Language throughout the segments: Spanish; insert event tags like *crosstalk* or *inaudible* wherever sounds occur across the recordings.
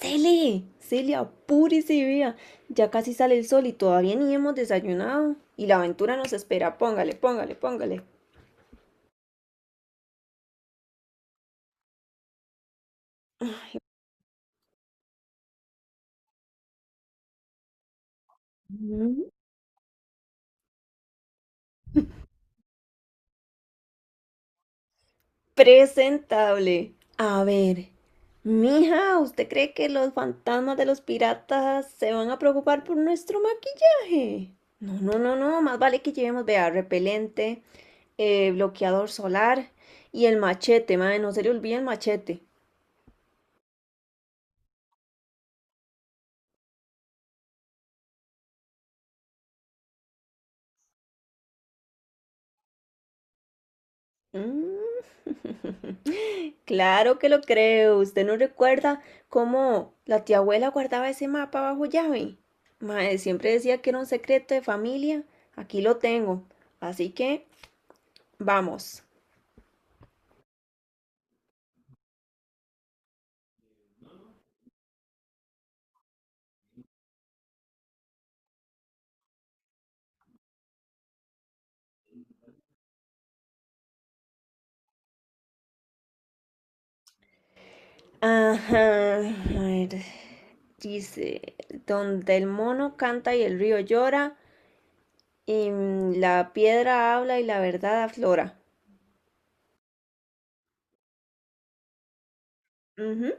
Cele, Cele, apúrese, vea. Ya casi sale el sol y todavía ni hemos desayunado. Y la aventura nos espera. Póngale, póngale, póngale. Mm. Presentable. A ver, mija, ¿usted cree que los fantasmas de los piratas se van a preocupar por nuestro maquillaje? No, no, no, no. Más vale que llevemos, vea, repelente, bloqueador solar y el machete, madre. No se le olvide el machete. Mm. *laughs* Claro que lo creo. ¿Usted no recuerda cómo la tía abuela guardaba ese mapa bajo llave? Mae, siempre decía que era un secreto de familia. Aquí lo tengo. Así que vamos. Ajá, a ver, dice, donde el mono canta y el río llora, y la piedra habla y la verdad aflora. Ujú.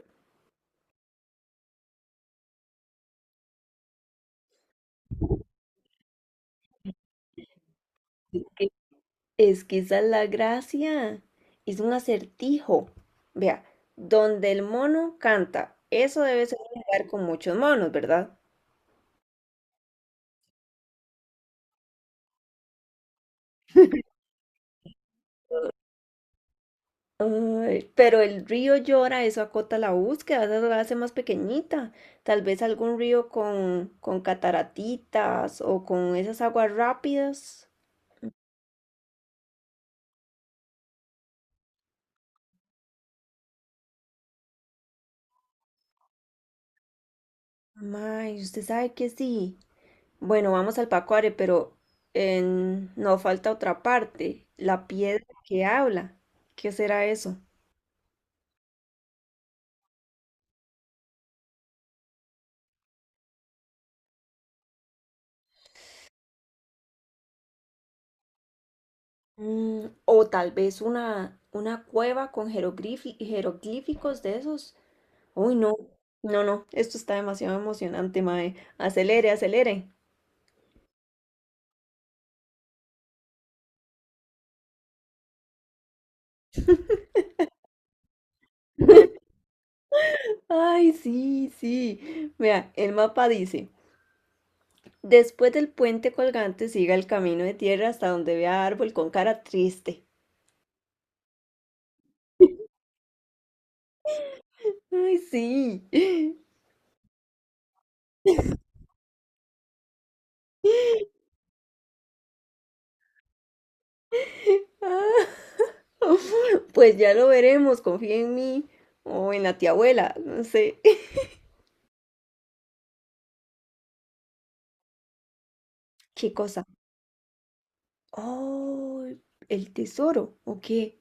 Ok, es que esa es la gracia. Es un acertijo. Vea, donde el mono canta, eso debe ser un lugar con muchos monos, ¿verdad? Ay, pero el río llora, eso acota la búsqueda, eso la hace más pequeñita. Tal vez algún río con, cataratitas o con esas aguas rápidas. Ay, usted sabe que sí. Bueno, vamos al Pacuare, pero nos falta otra parte, la piedra que habla. ¿Qué será eso? Mm, o tal vez una cueva con jeroglíficos de esos. Uy, no, no, no, esto está demasiado emocionante, mae. Acelere, acelere. *laughs* Ay, sí, sí. Vea, el mapa dice, después del puente colgante siga el camino de tierra hasta donde vea árbol con cara triste. Ay, sí. *laughs* Ah, *laughs* pues ya lo veremos, confía en mí o en la tía abuela, no sé. *laughs* Qué cosa. Oh, el tesoro, ¿o qué?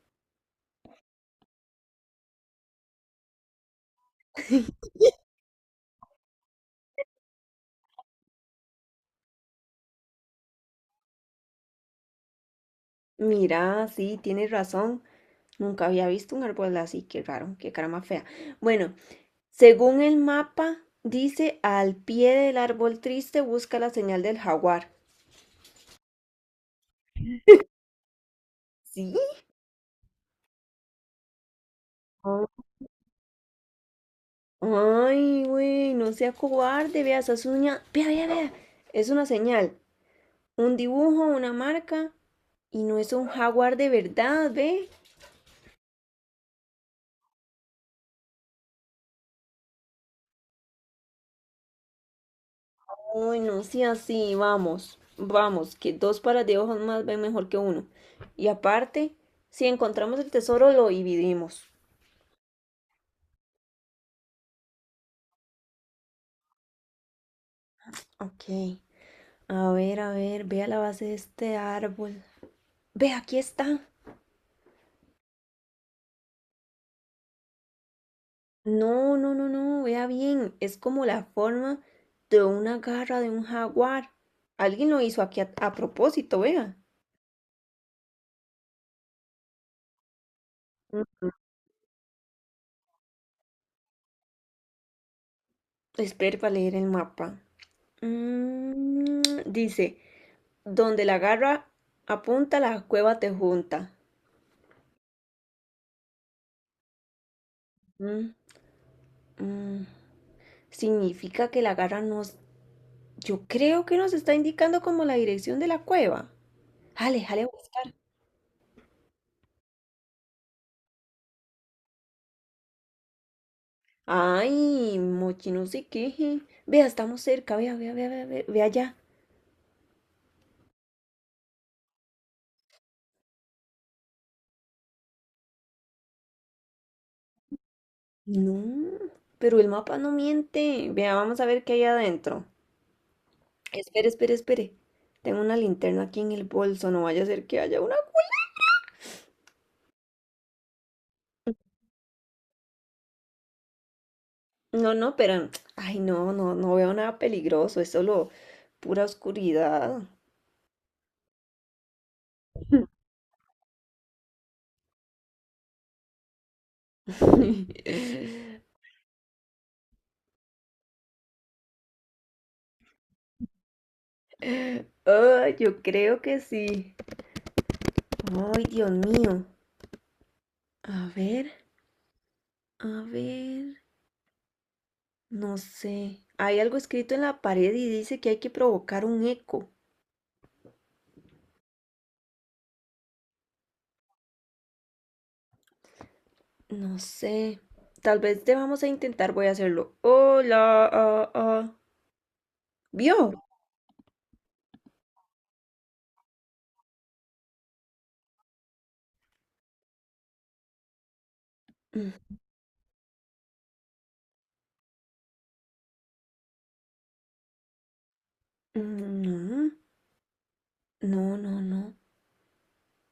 Mira, sí, tienes razón. Nunca había visto un árbol así, qué raro, qué cara más fea. Bueno, según el mapa, dice al pie del árbol triste busca la señal del jaguar. ¿Sí? Ah. Ay, güey, no sea cobarde, vea esa uñas. Vea, vea, vea. Es una señal, un dibujo, una marca, y no es un jaguar de verdad, ve. Uy, no sí así, vamos, vamos, que dos pares de ojos más ven mejor que uno. Y aparte, si encontramos el tesoro, lo dividimos. Ok, a ver, vea la base de este árbol. Ve, aquí está. No, no, no, no, vea bien, es como la forma de una garra de un jaguar. Alguien lo hizo aquí a propósito, vea. Mm. Espere para leer el mapa. Mm, dice, donde la garra apunta, la cueva te junta. Mm, mm. Significa que la garra nos... Yo creo que nos está indicando como la dirección de la cueva. Jale, jale a buscar. Ay, mochi, no sé qué. Vea, estamos cerca. Vea, vea, vea, vea, vea, vea allá. No, pero el mapa no miente. Vea, vamos a ver qué hay adentro. Espere, espere, espere. Tengo una linterna aquí en el bolso. No vaya a ser que haya una. No, no, pero, ay, no, no, no veo nada peligroso, es solo pura oscuridad. *laughs* Ay, yo creo que sí. Ay, Dios mío. A ver, a ver, no sé. Hay algo escrito en la pared y dice que hay que provocar un eco. No sé. Tal vez debamos a intentar, voy a hacerlo. Hola, ah, ah. ¿Vio? Mm. No, no, no, no.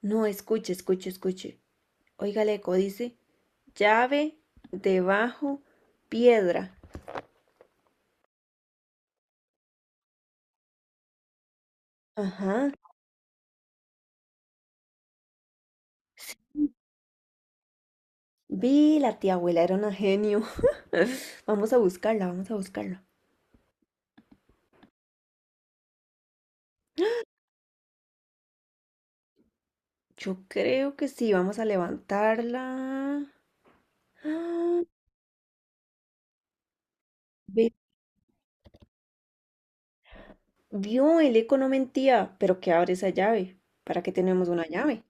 No, escuche, escuche, escuche. Oiga el eco, dice: llave, debajo, piedra. Ajá. Vi, la tía abuela era una genio. *laughs* Vamos a buscarla, vamos a buscarla. Yo creo que sí, vamos a levantarla. *gasps* Ah. Ve, vio, el eco no mentía, pero ¿qué abre esa llave? ¿Para qué tenemos una llave?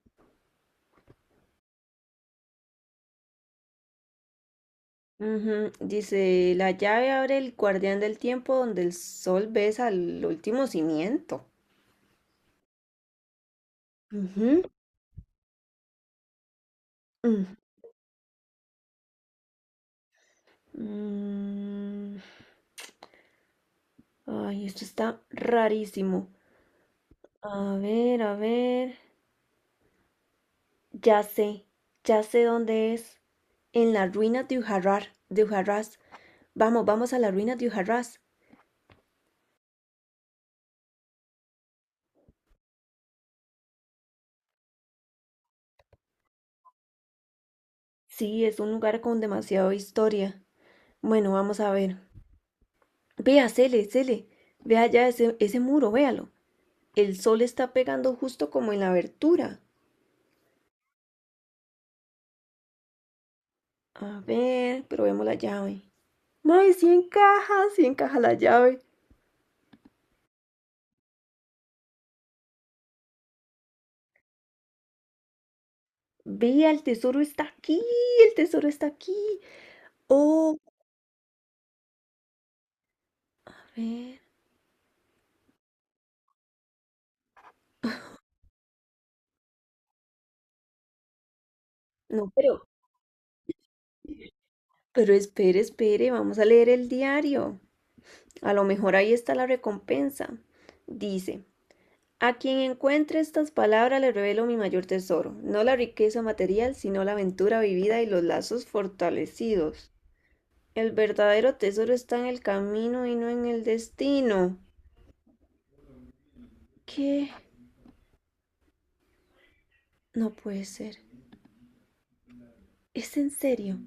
Ujú. Dice, la llave abre el guardián del tiempo donde el sol besa al último cimiento. Ujú. Mm. Mm, ay, esto está rarísimo. A ver, a ver. Ya sé, ya sé dónde es. En la ruina de Ujarrás. Vamos, vamos a la ruina de Ujarrás. Sí, es un lugar con demasiada historia. Bueno, vamos a ver. Vea, Cele, Cele. Vea ese, ese muro, véalo. El sol está pegando justo como en la abertura. A ver, probemos la llave. ¡Mae, sí encaja! Sí encaja la llave. Vea, el tesoro está aquí. El tesoro está aquí. Oh. A ver. No, pero espere, espere, vamos a leer el diario. A lo mejor ahí está la recompensa. Dice, a quien encuentre estas palabras le revelo mi mayor tesoro, no la riqueza material, sino la aventura vivida y los lazos fortalecidos. El verdadero tesoro está en el camino y no en el destino. ¿Qué? No puede ser. ¿Es en serio?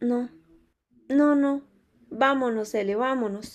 No, no, no. Vámonos, Ele, vámonos.